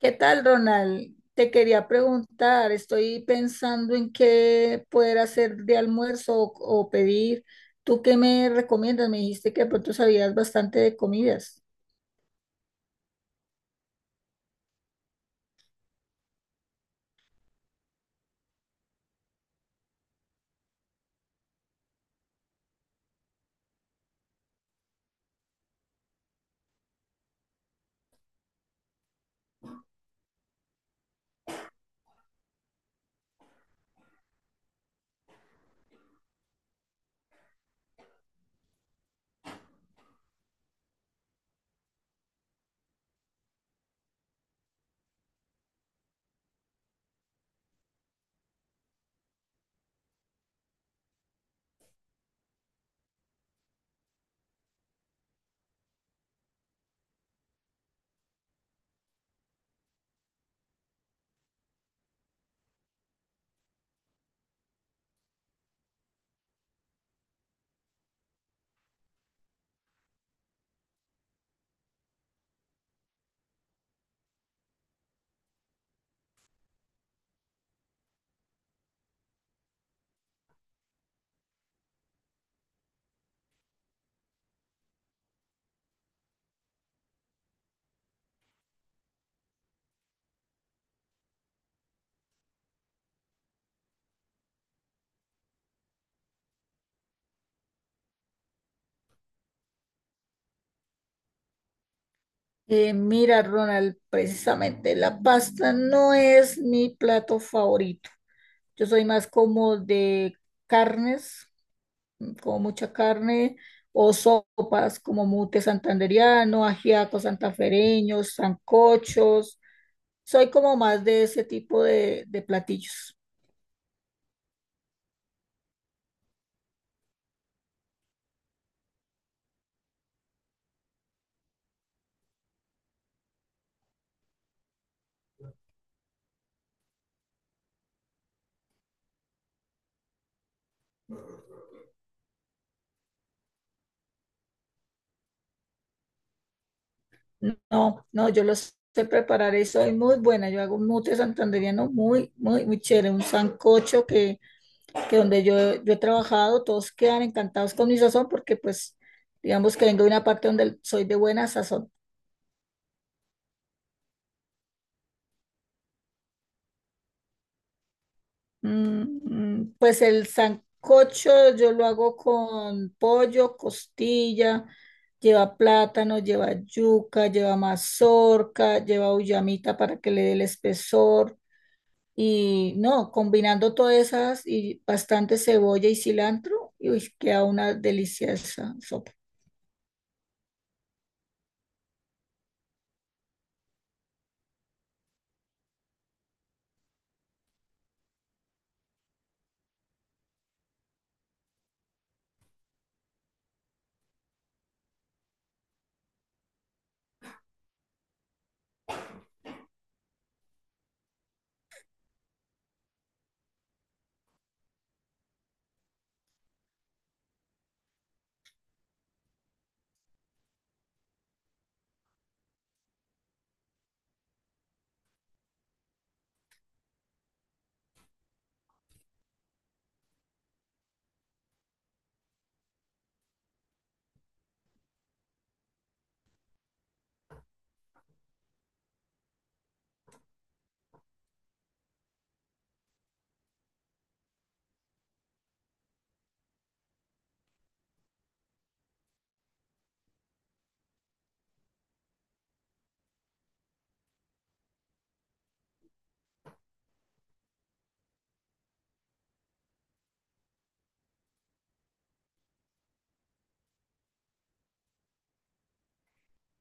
¿Qué tal, Ronald? Te quería preguntar, estoy pensando en qué poder hacer de almuerzo o pedir. ¿Tú qué me recomiendas? Me dijiste que de pronto sabías bastante de comidas. Mira, Ronald, precisamente la pasta no es mi plato favorito. Yo soy más como de carnes, como mucha carne, o sopas como mute santandereano, ajiaco santafereño, sancochos. Soy como más de ese tipo de platillos. No, no, no, yo los sé preparar y soy muy buena. Yo hago un mute santandereano muy, muy, muy chévere. Un sancocho que donde yo he trabajado, todos quedan encantados con mi sazón, porque pues digamos que vengo de una parte donde soy de buena sazón. Mm, mm, pues el sancocho yo lo hago con pollo, costilla, lleva plátano, lleva yuca, lleva mazorca, lleva uyamita para que le dé el espesor. Y no, combinando todas esas y bastante cebolla y cilantro, y uy, queda una deliciosa sopa.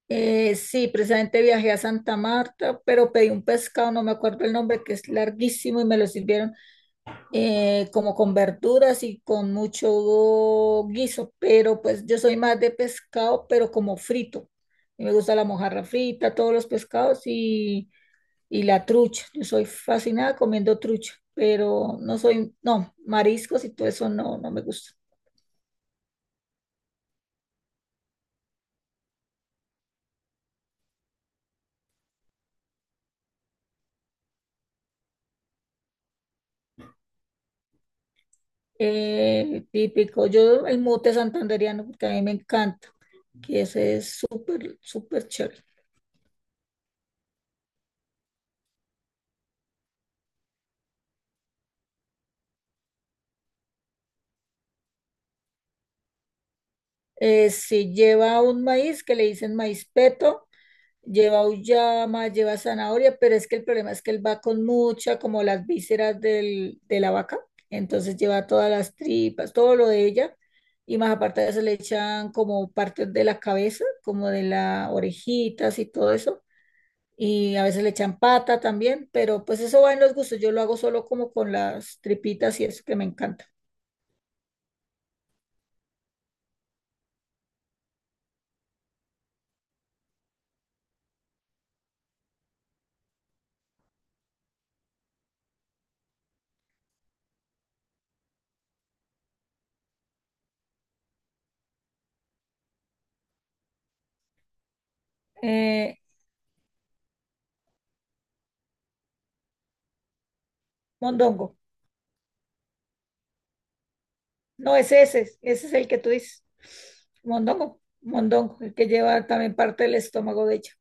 Sí, precisamente viajé a Santa Marta, pero pedí un pescado, no me acuerdo el nombre, que es larguísimo y me lo sirvieron, como con verduras y con mucho guiso, pero pues yo soy más de pescado, pero como frito. Y me gusta la mojarra frita, todos los pescados y la trucha. Yo soy fascinada comiendo trucha, pero no soy, no, mariscos y todo eso no, no me gusta. Típico, yo el mute santandereano, porque a mí me encanta, que ese es súper, súper chévere. Si lleva un maíz que le dicen maíz peto, lleva uyama, lleva zanahoria, pero es que el problema es que él va con mucha, como las vísceras de la vaca, entonces lleva todas las tripas, todo lo de ella, y más aparte de eso le echan como partes de la cabeza, como de las orejitas y todo eso, y a veces le echan pata también, pero pues eso va en los gustos, yo lo hago solo como con las tripitas y eso que me encanta. Eh, mondongo, no, ese es el que tú dices, mondongo. Mondongo, el que lleva también parte del estómago de ella.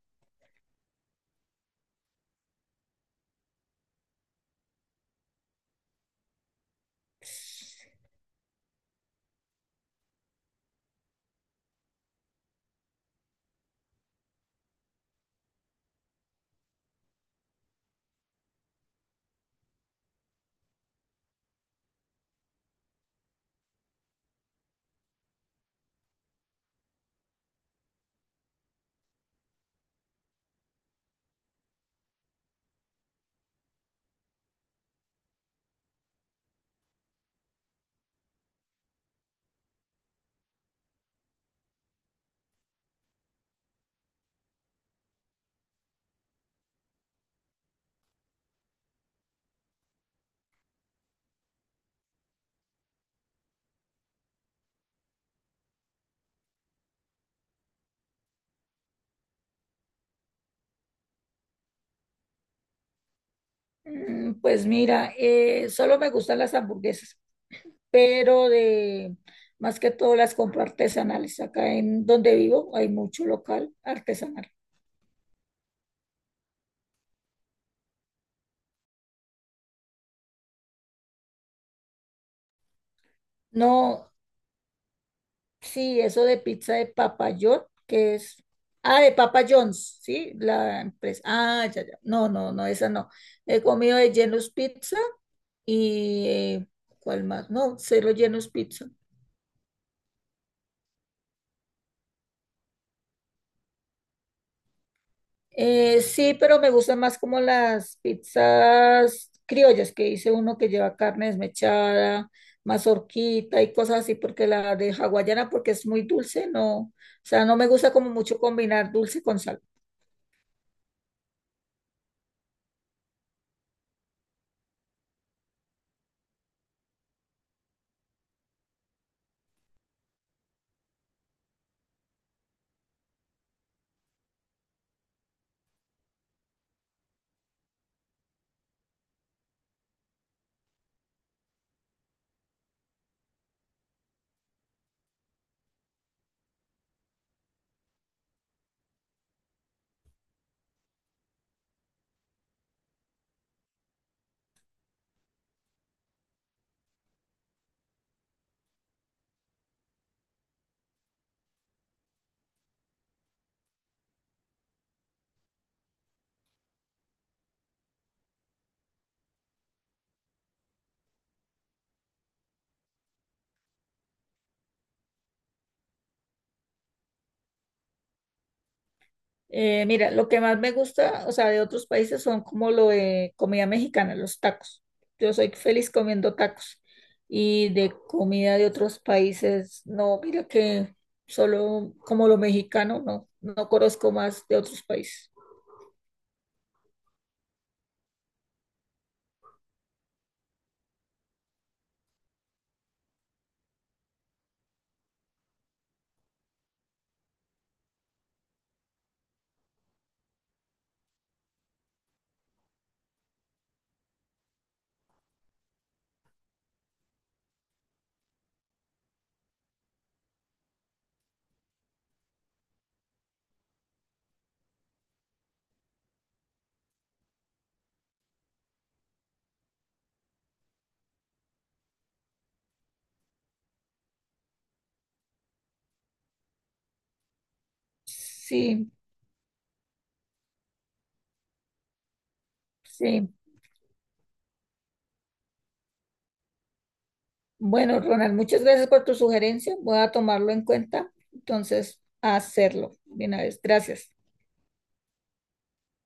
Mm, pues mira, solo me gustan las hamburguesas, pero de más que todo las compro artesanales. Acá en donde vivo hay mucho local artesanal. No, sí, eso de pizza de Papa John, que es, ah, de Papa John's, sí, la empresa. Ah, ya, ya. No, no, no, esa no. He comido de Genus Pizza y ¿cuál más? No, solo Genus Pizza. Sí, pero me gustan más como las pizzas criollas, que hice uno que lleva carne desmechada, mazorquita y cosas así, porque la de hawaiana, porque es muy dulce, no, o sea, no me gusta como mucho combinar dulce con salado. Mira, lo que más me gusta, o sea, de otros países son como lo de comida mexicana, los tacos. Yo soy feliz comiendo tacos. Y de comida de otros países, no, mira que solo como lo mexicano, no, no conozco más de otros países. Sí, sí. Bueno, Ronald, muchas gracias por tu sugerencia. Voy a tomarlo en cuenta. Entonces, a hacerlo. Bien, a ver, gracias.